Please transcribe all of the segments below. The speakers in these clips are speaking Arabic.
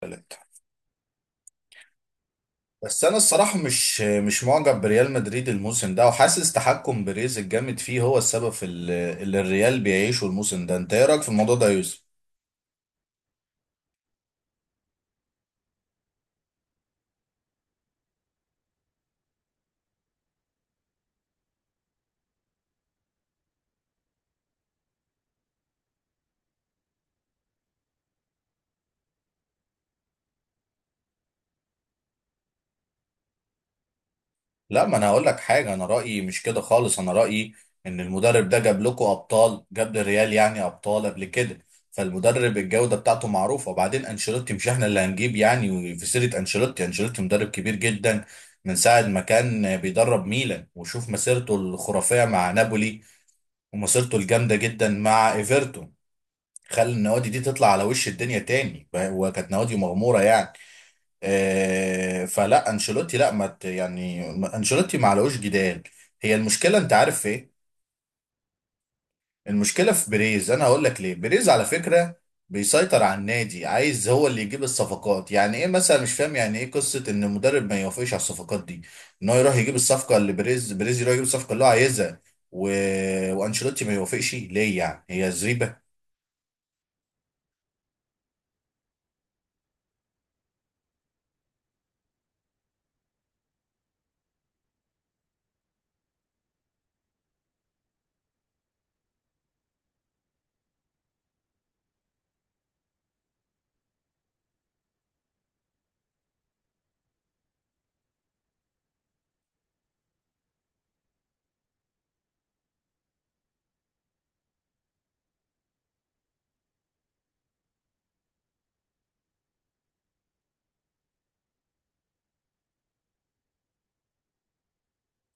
تالت. بس انا الصراحه مش معجب بريال مدريد الموسم ده، وحاسس تحكم بيريز الجامد فيه هو السبب في اللي الريال بيعيشه الموسم ده. انت ايه رايك في الموضوع ده يا يوسف؟ لا، ما انا هقول لك حاجه. انا رايي مش كده خالص. انا رايي ان المدرب ده جاب لكم ابطال، جاب للريال يعني ابطال قبل كده. فالمدرب الجوده بتاعته معروفه. وبعدين انشيلوتي مش احنا اللي هنجيب يعني في سيره انشيلوتي مدرب كبير جدا، من ساعه ما كان بيدرب ميلان. وشوف مسيرته الخرافيه مع نابولي، ومسيرته الجامده جدا مع ايفرتون. خلى النوادي دي تطلع على وش الدنيا تاني، وكانت نوادي مغموره يعني. فلا انشيلوتي، لا، ما ت- يعني ما- انشيلوتي ما علوش جدال. هي المشكله انت عارف في ايه؟ المشكله في بيريز. انا هقول لك ليه. بيريز على فكره بيسيطر على النادي، عايز هو اللي يجيب الصفقات. يعني ايه مثلا؟ مش فاهم يعني ايه قصه ان المدرب ما يوافقش على الصفقات دي، ان هو يروح يجيب الصفقه اللي بيريز يروح يجيب الصفقه اللي هو عايزها، و... وانشيلوتي ما يوافقش؟ ليه يعني، هي زريبه؟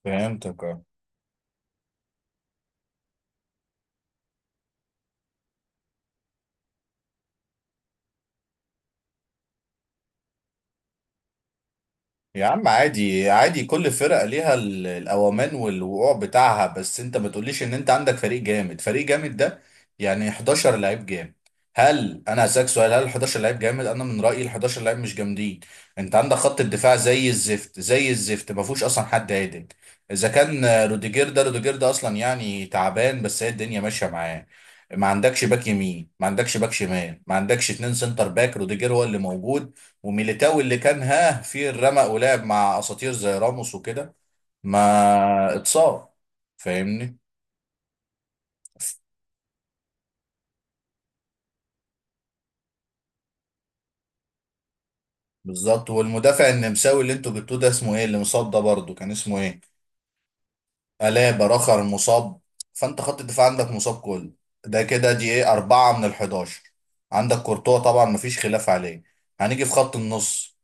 فهمتك، اه. يا عم عادي عادي، كل فرقة ليها الأوامان والوقوع بتاعها. بس أنت ما تقوليش إن أنت عندك فريق جامد، فريق جامد ده يعني 11 لعيب جامد. هل أنا هسألك سؤال، هل 11 لعيب جامد؟ أنا من رأيي ال 11 لعيب مش جامدين. أنت عندك خط الدفاع زي الزفت، زي الزفت، ما فيهوش أصلا حد عادل. إذا كان روديجير ده، روديجير ده أصلا يعني تعبان، بس هي الدنيا ماشية معاه. ما عندكش باك يمين، ما عندكش باك شمال، ما عندكش 2 سنتر باك. روديجير هو اللي موجود، وميليتاو اللي كان ها في الرمق، ولعب مع اساطير زي راموس وكده، ما اتصاب. فاهمني؟ بالظبط. والمدافع النمساوي اللي انتوا جبتوه ده، اسمه ايه اللي مصاب ده برضه، كان اسمه ايه؟ ألابا. رخر مصاب. فانت خط الدفاع عندك مصاب كله. ده كده دي ايه، 4 من 11. عندك كورتوا طبعا مفيش خلاف عليه. هنيجي في خط النص.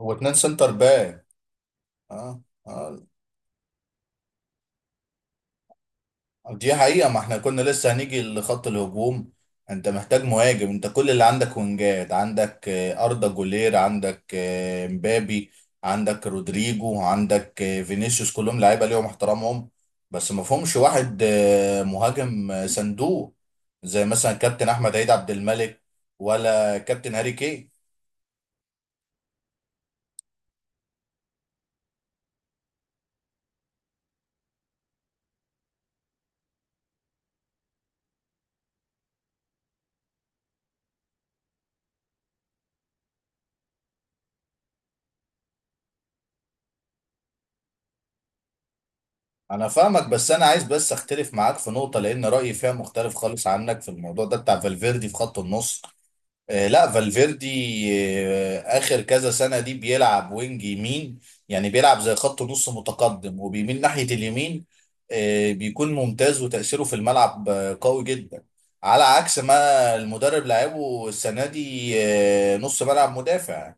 هو 2 سنتر باك؟ اه. اه، دي حقيقة. ما احنا كنا لسه هنيجي لخط الهجوم. انت محتاج مهاجم. انت كل اللي عندك وينجات، عندك أردا جولير، عندك مبابي، عندك رودريجو، عندك فينيسيوس. كلهم لعيبة ليهم احترامهم، بس ما فيهمش واحد مهاجم صندوق، زي مثلا كابتن أحمد عيد عبد الملك، ولا كابتن هاري كين. انا فاهمك، بس انا عايز بس اختلف معاك في نقطة، لان رأيي فيها مختلف خالص عنك في الموضوع ده بتاع فالفيردي في خط النص. لا، فالفيردي اخر كذا سنه دي بيلعب وينج يمين. يعني بيلعب زي خط نص متقدم، وبيميل ناحيه اليمين. بيكون ممتاز، وتاثيره في الملعب قوي جدا، على عكس ما المدرب لعبه السنه دي نص ملعب مدافع.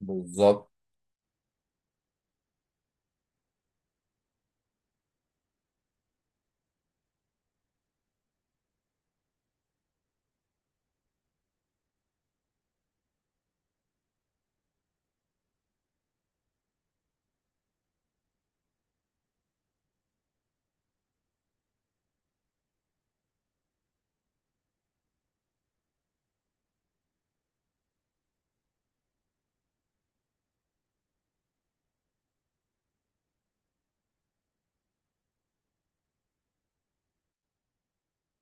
بالظبط.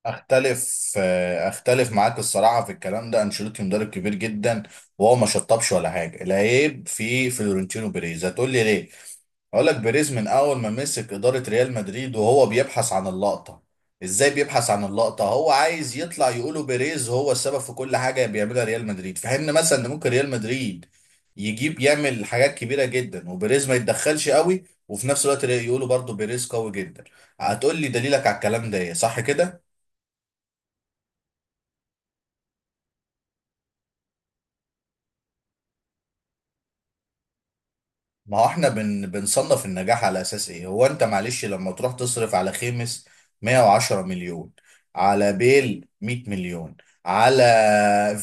اختلف معاك الصراحه في الكلام ده. انشيلوتي مدرب كبير جدا، وهو ما شطبش ولا حاجه. العيب في فلورنتينو بيريز. هتقول لي ليه؟ اقول لك: بيريز من اول ما مسك اداره ريال مدريد وهو بيبحث عن اللقطه. ازاي بيبحث عن اللقطه؟ هو عايز يطلع يقولوا بيريز هو السبب في كل حاجه بيعملها ريال مدريد، في حين مثلا ان ممكن ريال مدريد يجيب، يعمل حاجات كبيره جدا وبيريز ما يتدخلش قوي، وفي نفس الوقت يقولوا برضو بيريز قوي جدا. هتقول لي دليلك على الكلام ده ايه، صح كده؟ ما هو احنا بنصنف النجاح على اساس ايه؟ هو انت معلش لما تروح تصرف على خيمس 110 مليون، على بيل 100 مليون، على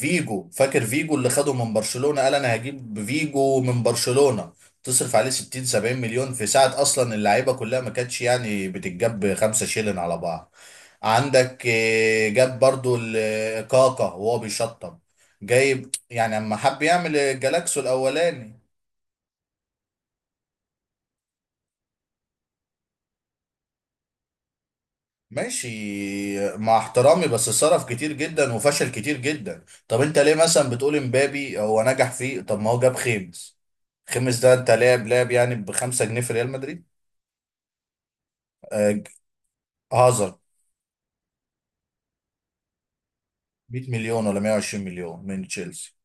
فيجو، فاكر فيجو اللي خده من برشلونة، قال انا هجيب فيجو من برشلونة، تصرف عليه 60، 70 مليون في ساعة، اصلا اللعيبة كلها ما كانتش يعني بتتجاب خمسة شيلن على بعض. عندك جاب برضو كاكا وهو بيشطب جايب، يعني اما حب يعمل الجالاكسو الاولاني. ماشي. مع احترامي، بس صرف كتير جدا وفشل كتير جدا. طب انت ليه مثلا بتقول امبابي هو نجح فيه؟ طب ما هو جاب خيمس. خيمس ده انت لاعب لاعب يعني بخمسة جنيه في ريال مدريد. آه. هازارد. 100 مليون ولا 120 مليون من تشيلسي.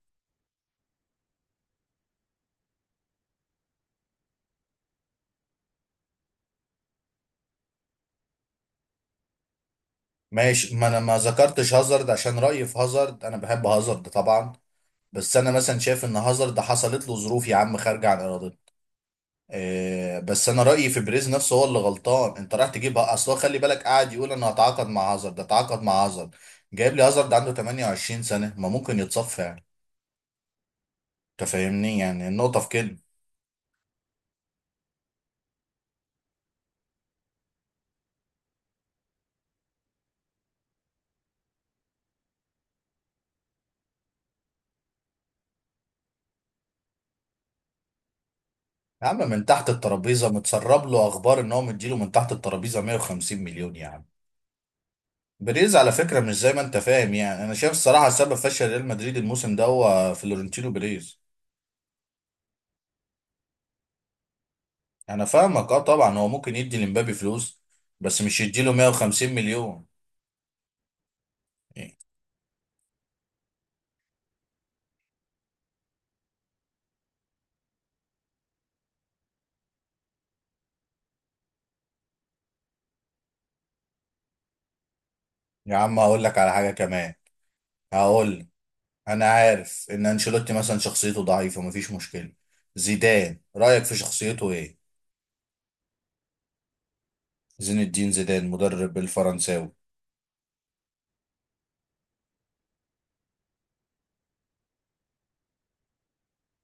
ماشي، ما انا ما ذكرتش هازارد عشان رأيي في هازارد، انا بحب هازارد طبعا. بس انا مثلا شايف ان هازارد حصلت له ظروف يا عم خارجه عن ارادته. بس انا رايي في بريز نفسه هو اللي غلطان. انت رايح تجيب، اصل هو خلي بالك قاعد يقول انا هتعاقد مع هازارد، ده اتعاقد مع هازارد. جايب لي هازارد عنده 28 سنه، ما ممكن يتصفى يعني. انت فاهمني؟ يعني النقطه في كده. يا عم من تحت الترابيزه متسرب له اخبار ان هو مديله من تحت الترابيزه 150 مليون يعني. بريز على فكره مش زي ما انت فاهم. يعني انا شايف الصراحه سبب فشل ريال مدريد الموسم ده هو فلورنتينو بيريز. انا فاهمك، اه. طبعا هو ممكن يدي لمبابي فلوس، بس مش يديله 150 مليون. يا عم هقول لك على حاجه كمان. هقول لك: انا عارف ان انشيلوتي مثلا شخصيته ضعيفه، مفيش مشكله. زيدان رايك في شخصيته ايه؟ زين الدين زيدان، مدرب الفرنساوي.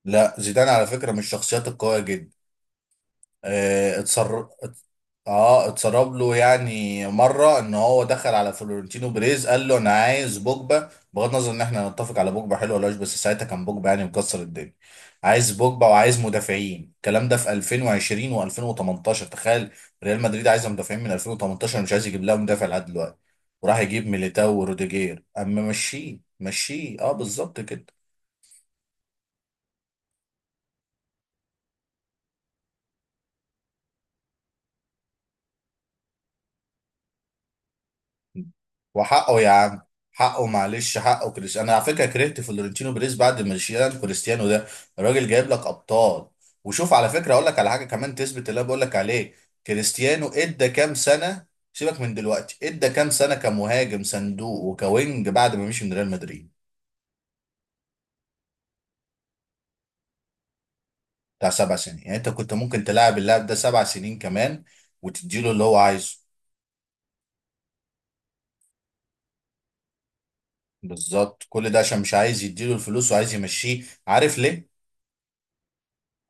لا، زيدان على فكره من الشخصيات القويه جدا. اتسرب. اه، اتسرب له يعني مره ان هو دخل على فلورنتينو بيريز قال له انا عايز بوجبا. بغض النظر ان احنا نتفق على بوجبا حلو ولا وحش، بس ساعتها كان بوجبا يعني مكسر الدنيا. عايز بوجبا وعايز مدافعين. الكلام ده في 2020 و2018، تخيل. ريال مدريد عايزه مدافعين من 2018، مش عايز يجيب لها مدافع لحد دلوقتي، وراح يجيب ميليتاو وروديجير اما مشيه، مشيه اه بالظبط كده. وحقه يا عم. حقه معلش، حقه كريس. انا على فكره كرهت فلورنتينو بيريز بعد ما شيلان كريستيانو ده. الراجل جايب لك ابطال. وشوف على فكره، اقول لك على حاجه كمان تثبت اللي انا بقول لك عليه. كريستيانو ادى كام سنه؟ سيبك من دلوقتي، ادى كام سنه كمهاجم صندوق وكوينج بعد ما مشي من ريال مدريد؟ بتاع 7 سنين. يعني انت كنت ممكن تلاعب اللاعب ده 7 سنين كمان، وتديله اللي هو عايزه. بالظبط. كل ده عشان مش عايز يديله الفلوس وعايز يمشيه. عارف ليه؟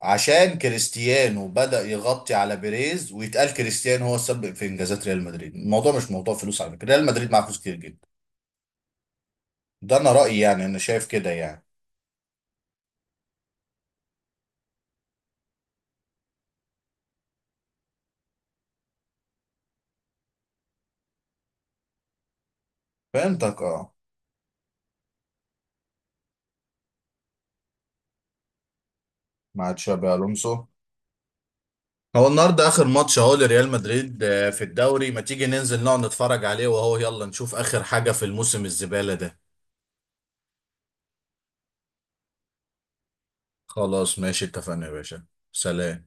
عشان كريستيانو بدأ يغطي على بيريز، ويتقال كريستيانو هو السبب في انجازات ريال مدريد. الموضوع مش موضوع فلوس على فكرة، ريال مدريد معاه فلوس كتير جدا. ده انا رأيي، يعني انا شايف كده يعني. فهمتك، اه. مع تشابي الونسو. هو النهارده اخر ماتش اهو لريال مدريد في الدوري. ما تيجي ننزل نقعد نتفرج عليه وهو، يلا نشوف اخر حاجة في الموسم الزبالة ده. خلاص ماشي، اتفقنا يا باشا. سلام.